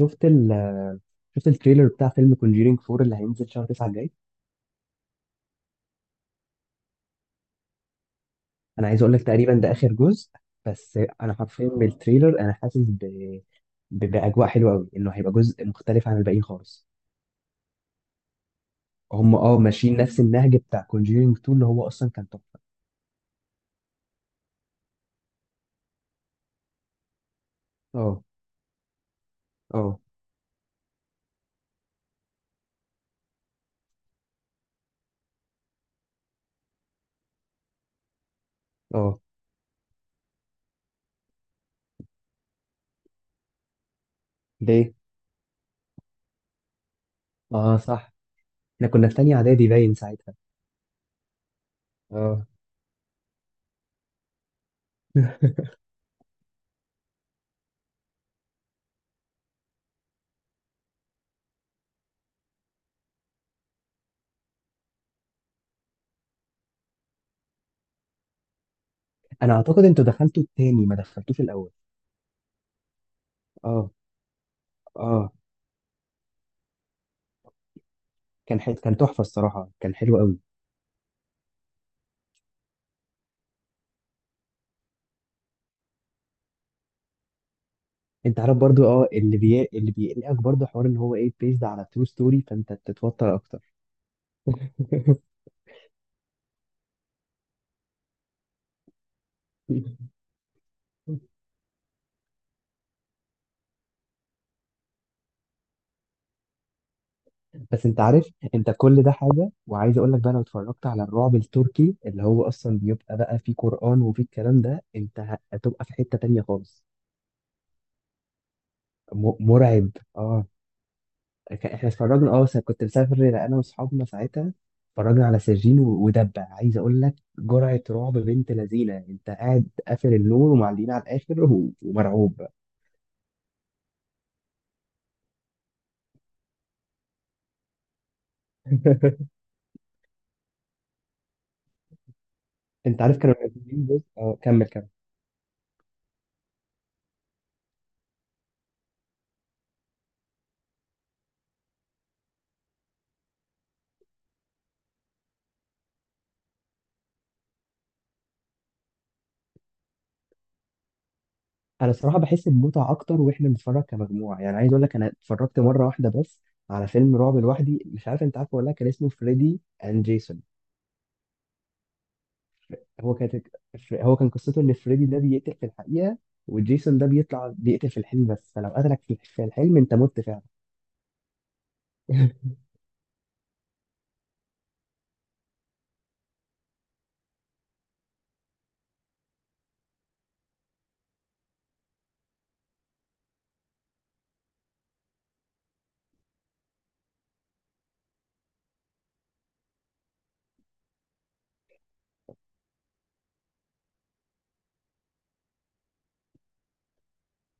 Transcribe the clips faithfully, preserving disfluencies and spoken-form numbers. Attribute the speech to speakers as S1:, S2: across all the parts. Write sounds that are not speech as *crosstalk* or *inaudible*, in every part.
S1: شفت ال شفت التريلر بتاع فيلم كونجيرينج أربعة اللي هينزل شهر تسعة الجاي. انا عايز اقول لك تقريبا ده اخر جزء. بس انا حرفيا من التريلر انا حاسس ب... ب... باجواء حلوه قوي انه هيبقى جزء مختلف عن الباقيين خالص. هم اه ماشيين نفس النهج بتاع كونجيرينج اتنين اللي هو اصلا كان تحفه. اه اه اه ليه؟ اه صح. احنا كنا في تانية اعدادي باين ساعتها. اه. *laughs* انا اعتقد انتوا دخلتوا التاني ما دخلتوش الاول. اه اه كان حت... كان تحفه الصراحه، كان حلو قوي. انت عارف برضو، اه اللي بي... اللي بيقلقك برضو حوار ان هو ايه بيزد على ترو ستوري، فانت تتوتر اكتر. *laughs* بس انت عارف انت كل ده حاجه، وعايز اقول لك بقى لو اتفرجت على الرعب التركي اللي هو اصلا بيبقى بقى فيه قرآن وفيه الكلام ده، انت هتبقى في حته تانية خالص. م... مرعب. اه. ك- احنا اتفرجنا، اه س- كنت مسافر انا واصحابنا ساعتها. اتفرجنا على سجين و- ودبه، عايز اقول لك جرعه رعب بنت لذينه. انت قاعد قافل النور ومعلقين على الاخر و... ومرعوب. *laughs* انت عارف كانوا منزلين جزء. اه كمل كمل. انا صراحه بحس بمتعه اكتر واحنا بنتفرج كمجموعه. يعني عايز اقول لك انا اتفرجت مره واحده بس على فيلم رعب لوحدي، مش عارف انت عارفه ولا لا، كان اسمه فريدي اند جيسون. هو كانت فر- هو كان قصته ان فريدي ده بيقتل في الحقيقه، وجيسون ده بيطلع بيقتل في الحلم، بس فلو قتلك في في الحلم انت مت فعلا. *laughs*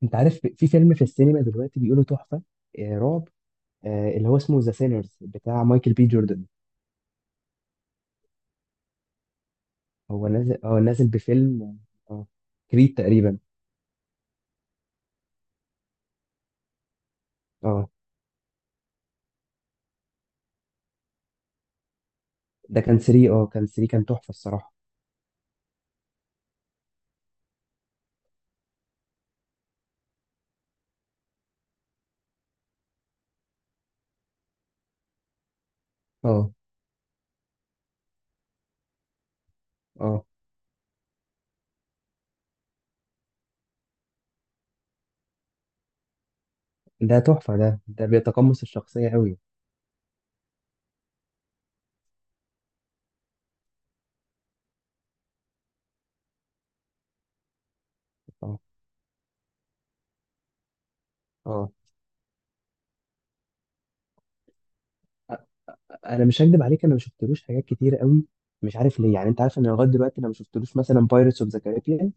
S1: انت عارف في فيلم في السينما دلوقتي بيقولوا تحفه، آه، رعب، آه، اللي هو اسمه ذا سينرز بتاع مايكل بي جوردن. هو نازل، اه نازل بفيلم اه كريد تقريبا. اه ده كان ثلاثة. اه كان ثلاثة، كان تحفة الصراحة. اه اه ده تحفة، ده ده بيتقمص الشخصية قوي. اه اه انا مش هكدب عليك، انا ما شفتلوش حاجات كتير قوي. مش عارف ليه. يعني انت عارف ان لغاية دلوقتي انا ما شفتلوش مثلا بايرتس اوف ذا كاريبيان.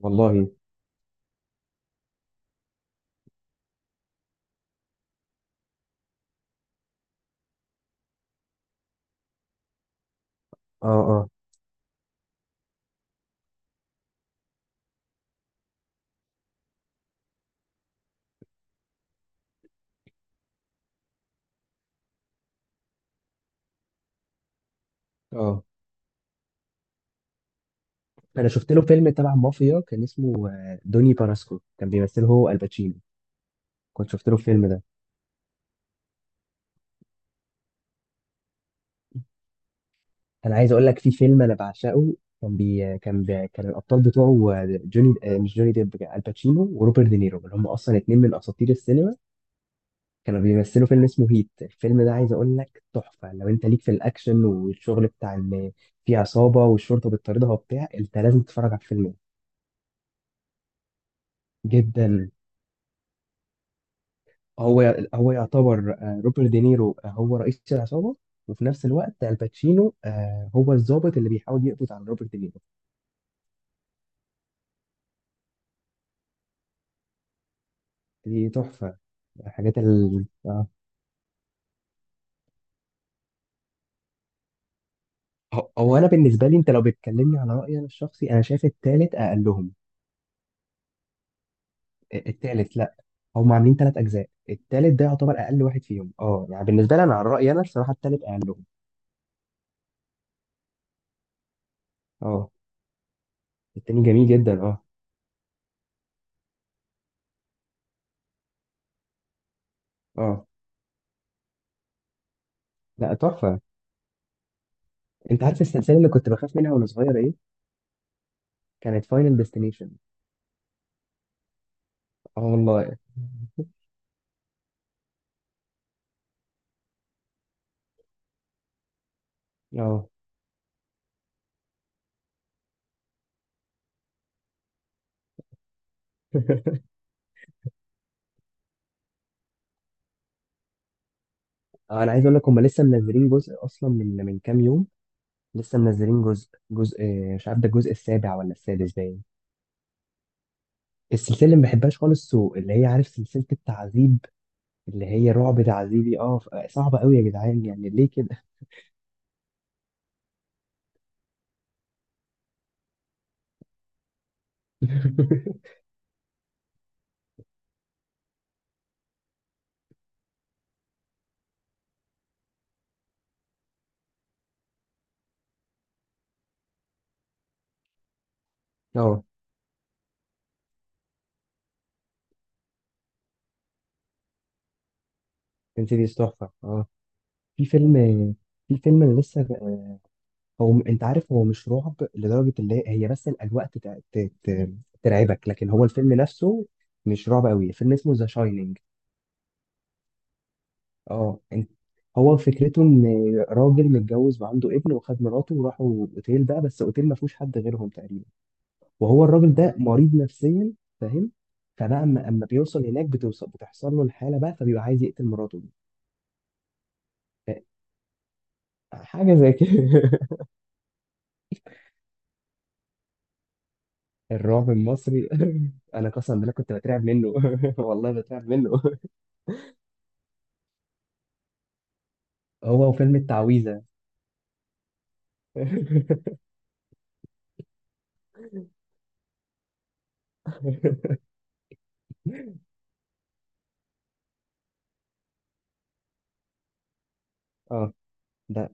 S1: والله. اه اه اه انا شفت له فيلم تبع مافيا كان اسمه آه، دوني باراسكو، كان بيمثله هو الباتشينو. كنت شفت له الفيلم ده. انا عايز اقول لك في فيلم انا بعشقه. كان بي كان بي كان الابطال بتوعه جوني، آه، مش جوني ديب، الباتشينو وروبرت دينيرو، اللي هم اصلا اتنين من اساطير السينما. كانوا بيمثلوا فيلم اسمه هيت. الفيلم ده عايز اقول لك تحفه، لو انت ليك في الاكشن والشغل بتاع ان في عصابه والشرطه بتطاردها وبتاع، انت لازم تتفرج على الفيلم ده. جدا. هو هو يعتبر، آه، روبرت دينيرو آه، هو رئيس العصابه، وفي نفس الوقت الباتشينو آه، هو الضابط اللي بيحاول يقبض على روبرت دينيرو. دي تحفه. حاجات ال... آه، هو هو انا بالنسبه لي، انت لو بتكلمني على رايي انا الشخصي، انا شايف التالت اقلهم. التالت، لا هم عاملين ثلاث اجزاء. التالت ده يعتبر اقل واحد فيهم. اه يعني بالنسبه لي انا، على رايي انا الصراحه، التالت اقلهم. اه. التاني جميل جدا. اه. اه لا تحفه. انت عارف السلسله اللي كنت بخاف منها وانا صغير ايه؟ كانت فاينل ديستنيشن. اه والله. اه *laughs* آه، انا عايز اقول لك هم لسه منزلين جزء اصلا من من كام يوم. لسه منزلين جزء. جزء، آه، مش عارف ده الجزء السابع ولا السادس باين. السلسله اللي ما بحبهاش خالص سو، اللي هي عارف سلسله التعذيب، اللي هي رعب تعذيبي. اه ف- آه، صعبه قوي يا جدعان، يعني ليه كده؟ *laughs* اه. انسيديوس تحفه، اه. في فيلم، في فيلم أنا لسه. هو م- انت عارف هو مش رعب لدرجه اللي هي هي بس الاجواء تتع- ت- ت- ترعبك، لكن هو الفيلم نفسه مش رعب قوي. فيلم اسمه ذا شاينينج. اه. انت، هو فكرته ان راجل متجوز وعنده ابن، وخد مراته وراحوا اوتيل بقى، بس اوتيل ما فيهوش حد غيرهم تقريبا، وهو الراجل ده مريض نفسيا، فاهم؟ فبقى اما أما بيوصل هناك بتوصل بتحصل له الحاله بقى، فبيبقى عايز يقتل مراته دي. ف- حاجه زي كده. *laughs* الرعب المصري. *laughs* انا قسما بالله كنت بترعب منه، *laughs* والله بترعب منه. *laughs* هو وفيلم التعويذه. *laughs* اه ده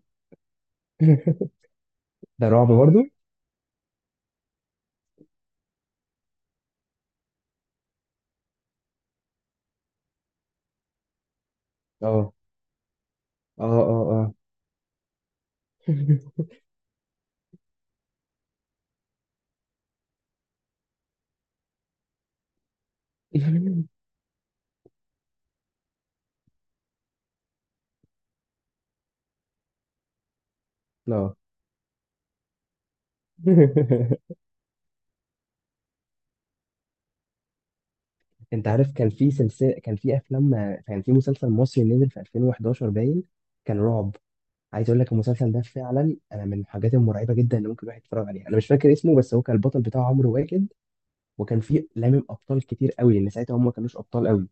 S1: ده رعب برضه. اه اه اه اه *laughs* اه. *laughs* انت عارف كان في سلسله، كان في افلام، كان في مسلسل مصري نزل في ألفين وحداشر باين. كان رعب. عايز اقول لك المسلسل ده فعلا انا من الحاجات المرعبه جدا اللي ممكن الواحد يتفرج عليها. انا مش فاكر اسمه، بس هو كان البطل بتاعه عمرو واكد، وكان فيه لامم ابطال كتير قوي، لان ساعتها هم ما كانوش ابطال قوي.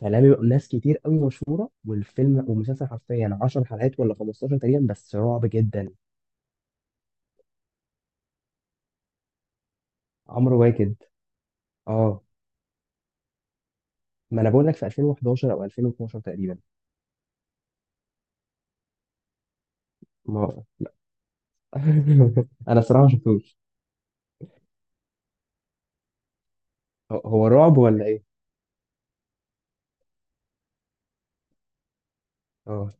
S1: فلامم ناس كتير قوي مشهوره. والفيلم والمسلسل حرفيا عشر حلقات ولا خمسة عشر تقريبا، بس رعب جدا. عمرو واكد. اه ما انا بقول لك في ألفين وحداشر او ألفين واتناشر تقريبا. ما *laughs* انا صراحه ما شفتوش. هو هو رعب ولا ايه؟ اه.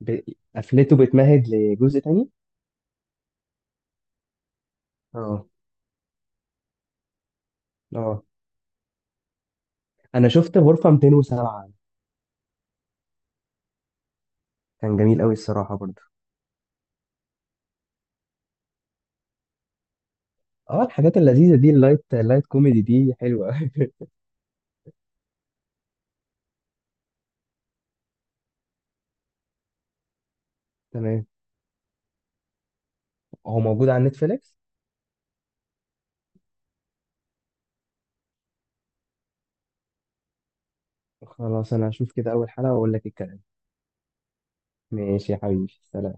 S1: ب... قفلته بتمهد لجزء تاني. اه اه انا شفت غرفه مئتين وسبعة. كان جميل قوي الصراحه برضه. اه الحاجات اللذيذه دي، اللايت، اللايت كوميدي دي حلوه أوي. *laughs* تمام. هو موجود على نتفليكس. خلاص انا هشوف كده اول حلقه واقول لك الكلام. ماشي يا حبيبي، سلام.